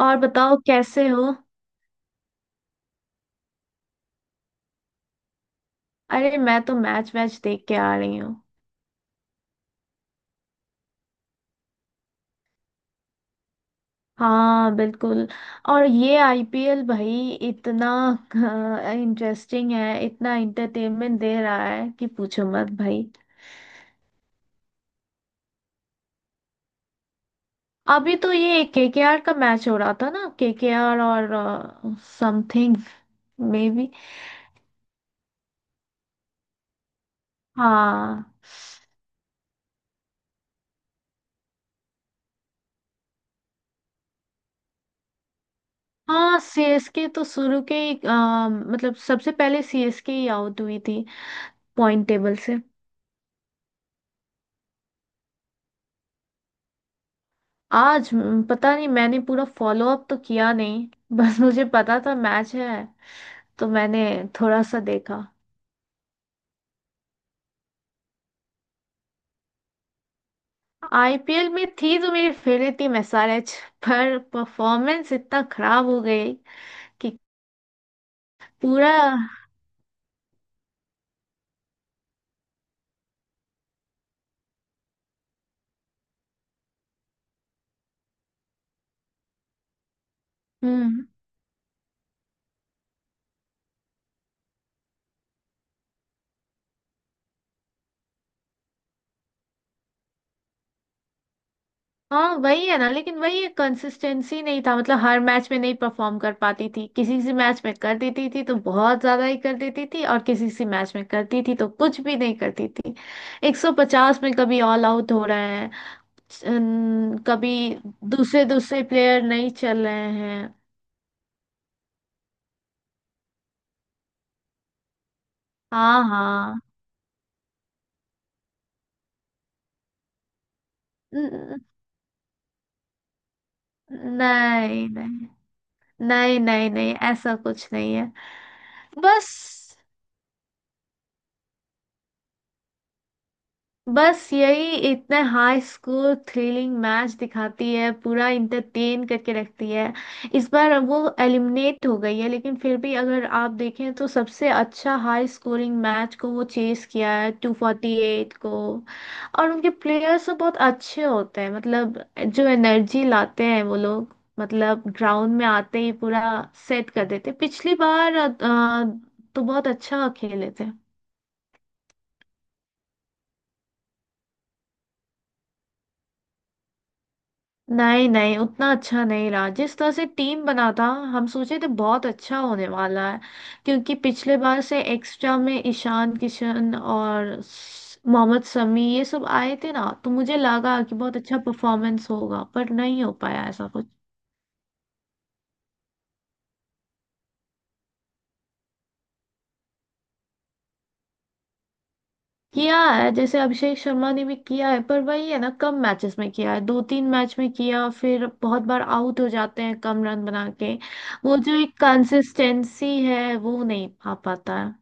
और बताओ कैसे हो। अरे मैं तो मैच वैच देख के आ रही हूँ। हाँ बिल्कुल। और ये आईपीएल भाई इतना इंटरेस्टिंग है, इतना इंटरटेनमेंट दे रहा है कि पूछो मत भाई। अभी तो ये केकेआर का मैच हो रहा था ना, केकेआर और समथिंग। Maybe. हाँ। हाँ, सीएसके तो शुरू के ही मतलब सबसे पहले सीएसके ही आउट हुई थी पॉइंट टेबल से। आज पता नहीं, मैंने पूरा फॉलो अप तो किया नहीं बस मुझे पता था मैच है तो मैंने थोड़ा सा देखा। आईपीएल में थी तो मेरी फेवरेट टीम एसआरएच, पर परफॉर्मेंस इतना खराब हो गई कि पूरा। हम्म। हाँ वही है ना। लेकिन वही है, कंसिस्टेंसी नहीं था। मतलब हर मैच में नहीं परफॉर्म कर पाती थी, किसी किसी मैच में कर देती थी तो बहुत ज्यादा ही कर देती थी, और किसी किसी मैच में करती थी तो कुछ भी नहीं करती थी। 150 में कभी ऑल आउट हो रहे हैं, कभी दूसरे दूसरे प्लेयर नहीं चल रहे हैं। हाँ। हाँ। न- नहीं नहीं। नहीं नहीं नहीं, ऐसा कुछ नहीं है। बस। बस यही, इतने हाई स्कूल थ्रिलिंग मैच दिखाती है, पूरा इंटरटेन करके रखती है। इस बार वो एलिमिनेट हो गई है, लेकिन फिर भी अगर आप देखें तो सबसे अच्छा हाई स्कोरिंग मैच को वो चेस किया है 248 को। और उनके प्लेयर्स तो बहुत अच्छे होते हैं, मतलब जो एनर्जी लाते हैं वो लोग। मतलब ग्राउंड में आते ही पूरा सेट कर देते, पिछली बार तो बहुत अच्छा खेले थे। नहीं नहीं, उतना अच्छा नहीं रहा जिस तरह से टीम बना था। हम सोचे थे बहुत अच्छा होने वाला है क्योंकि पिछले बार से एक्स्ट्रा में ईशान किशन और मोहम्मद शमी ये सब आए थे ना, तो मुझे लगा कि बहुत अच्छा परफॉर्मेंस होगा, पर नहीं हो पाया ऐसा कुछ। किया है, जैसे अभिषेक शर्मा ने भी किया है, पर वही है ना, कम मैचेस में किया है, दो तीन मैच में किया, फिर बहुत बार आउट हो जाते हैं कम रन बना के। वो जो एक कंसिस्टेंसी है वो नहीं आ पाता है।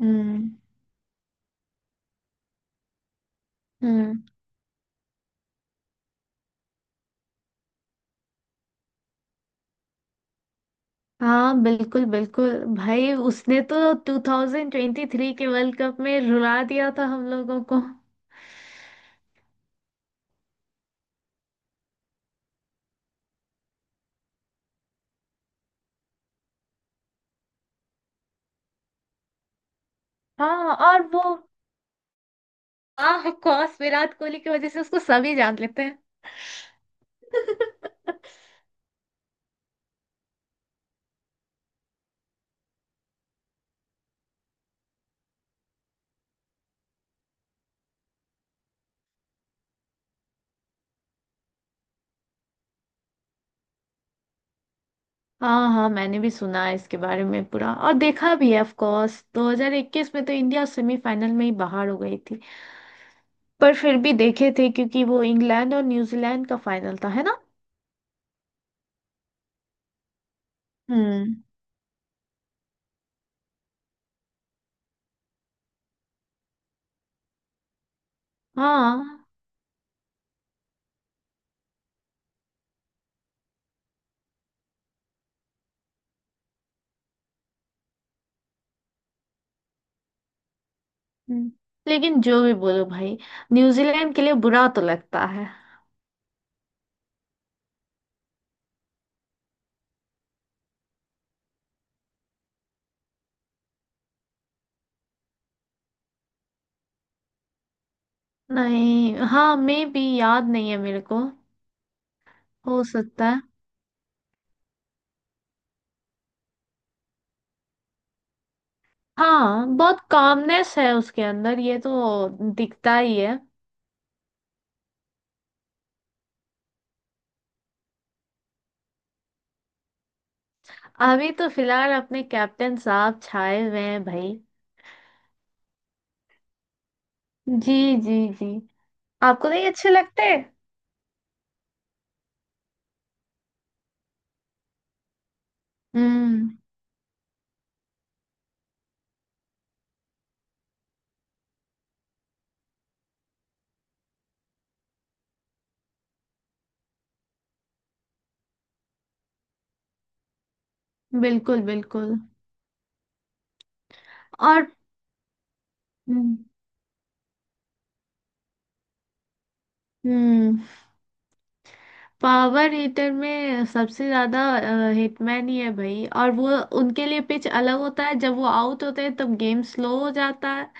हम्म। हम्म। हाँ बिल्कुल बिल्कुल। भाई उसने तो 2023 के वर्ल्ड कप में रुला दिया था हम लोगों को। हाँ। और वो ऑफ कोर्स विराट कोहली की वजह से उसको सभी जान लेते हैं। हाँ हाँ, मैंने भी सुना है इसके बारे में पूरा, और देखा भी है ऑफ कोर्स। 2021 में तो इंडिया सेमीफाइनल में ही बाहर हो गई थी, पर फिर भी देखे थे क्योंकि वो इंग्लैंड और न्यूजीलैंड का फाइनल था, है ना। हम्म। हाँ। हम्म। लेकिन जो भी बोलो भाई, न्यूजीलैंड के लिए बुरा तो लगता है। नहीं। हाँ, मैं भी याद नहीं है मेरे को। हो सकता है। हाँ, बहुत कामनेस है उसके अंदर, ये तो दिखता ही है। अभी तो फिलहाल अपने कैप्टन साहब छाए हुए हैं भाई। जी। जी। जी, आपको नहीं अच्छे लगते? हम्म। बिल्कुल बिल्कुल। और हम्म। हम्म। पावर हीटर में सबसे ज्यादा हिटमैन ही है भाई। और वो, उनके लिए पिच अलग होता है, जब वो आउट होते हैं तब गेम स्लो हो जाता है,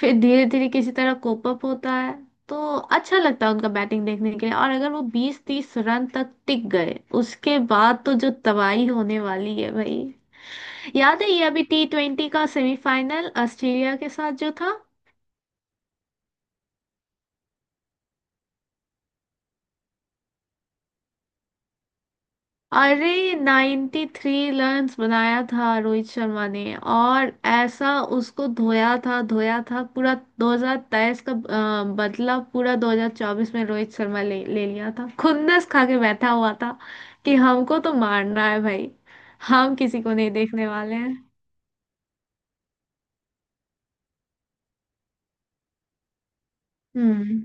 फिर धीरे धीरे किसी तरह कोप अप होता है। तो अच्छा लगता है उनका बैटिंग देखने के लिए, और अगर वो 20 30 रन तक टिक गए उसके बाद तो जो तबाही होने वाली है भाई। याद है ये अभी T20 का सेमीफाइनल ऑस्ट्रेलिया के साथ जो था? अरे 93 थ्री रन्स बनाया था रोहित शर्मा ने, और ऐसा उसको धोया था, धोया था पूरा। 2023 का बदला पूरा 2024 में रोहित शर्मा ले ले लिया था, खुन्नस खा के बैठा हुआ था कि हमको तो मारना है भाई, हम किसी को नहीं देखने वाले हैं। हम्म।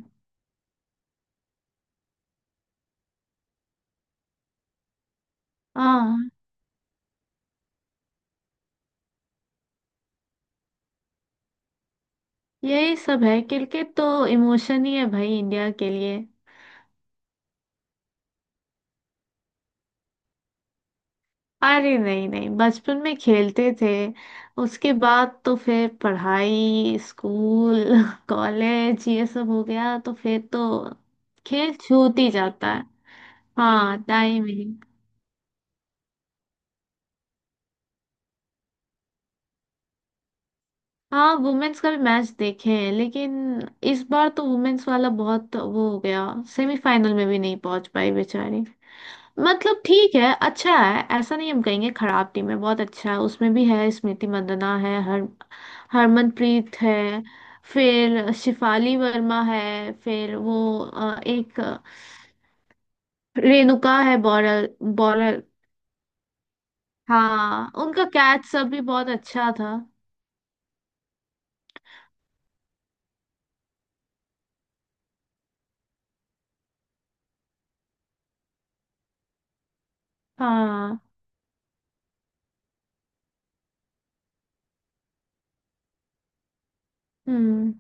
हाँ, यही सब है, क्रिकेट तो इमोशन ही है भाई इंडिया के लिए। अरे नहीं नहीं, बचपन में खेलते थे, उसके बाद तो फिर पढ़ाई, स्कूल कॉलेज ये सब हो गया, तो फिर तो खेल छूट ही जाता है। हाँ, टाइम ही। हाँ, वुमेन्स का भी मैच देखे हैं, लेकिन इस बार तो वुमेन्स वाला बहुत वो हो गया, सेमीफाइनल में भी नहीं पहुंच पाई बेचारी। मतलब ठीक है, अच्छा है, ऐसा नहीं हम कहेंगे खराब टीम है, बहुत अच्छा है, उसमें भी है स्मृति मंदना है, हर हरमनप्रीत है, फिर शिफाली वर्मा है, फिर वो एक रेणुका है बॉलर। बॉलर। हाँ, उनका कैच सब भी बहुत अच्छा था। हाँ। हम्म।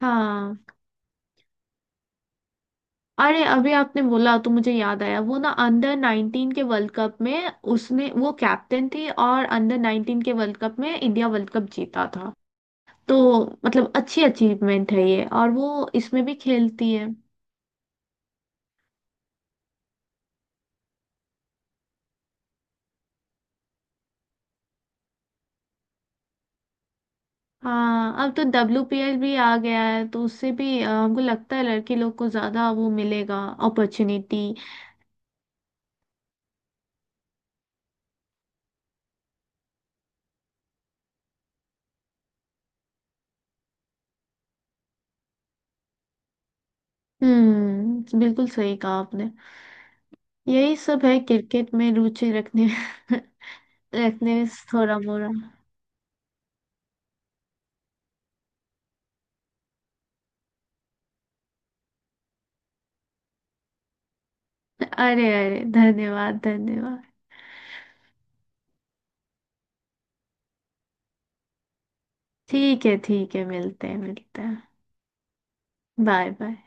हाँ, अरे अभी आपने बोला तो मुझे याद आया, वो ना अंडर 19 के वर्ल्ड कप में उसने वो कैप्टन थी, और अंडर 19 के वर्ल्ड कप में इंडिया वर्ल्ड कप जीता था। तो मतलब अच्छी अचीवमेंट है ये, और वो इसमें भी खेलती है। हाँ, अब तो डब्ल्यूपीएल भी आ गया है तो उससे भी हमको लगता है लड़की लोग को ज्यादा वो मिलेगा, अपॉर्चुनिटी। बिल्कुल सही कहा आपने। यही सब है, क्रिकेट में रुचि रखने रखने में, थोड़ा मोड़ा। अरे अरे, धन्यवाद धन्यवाद। ठीक है ठीक है, मिलते हैं मिलते हैं। Bye bye.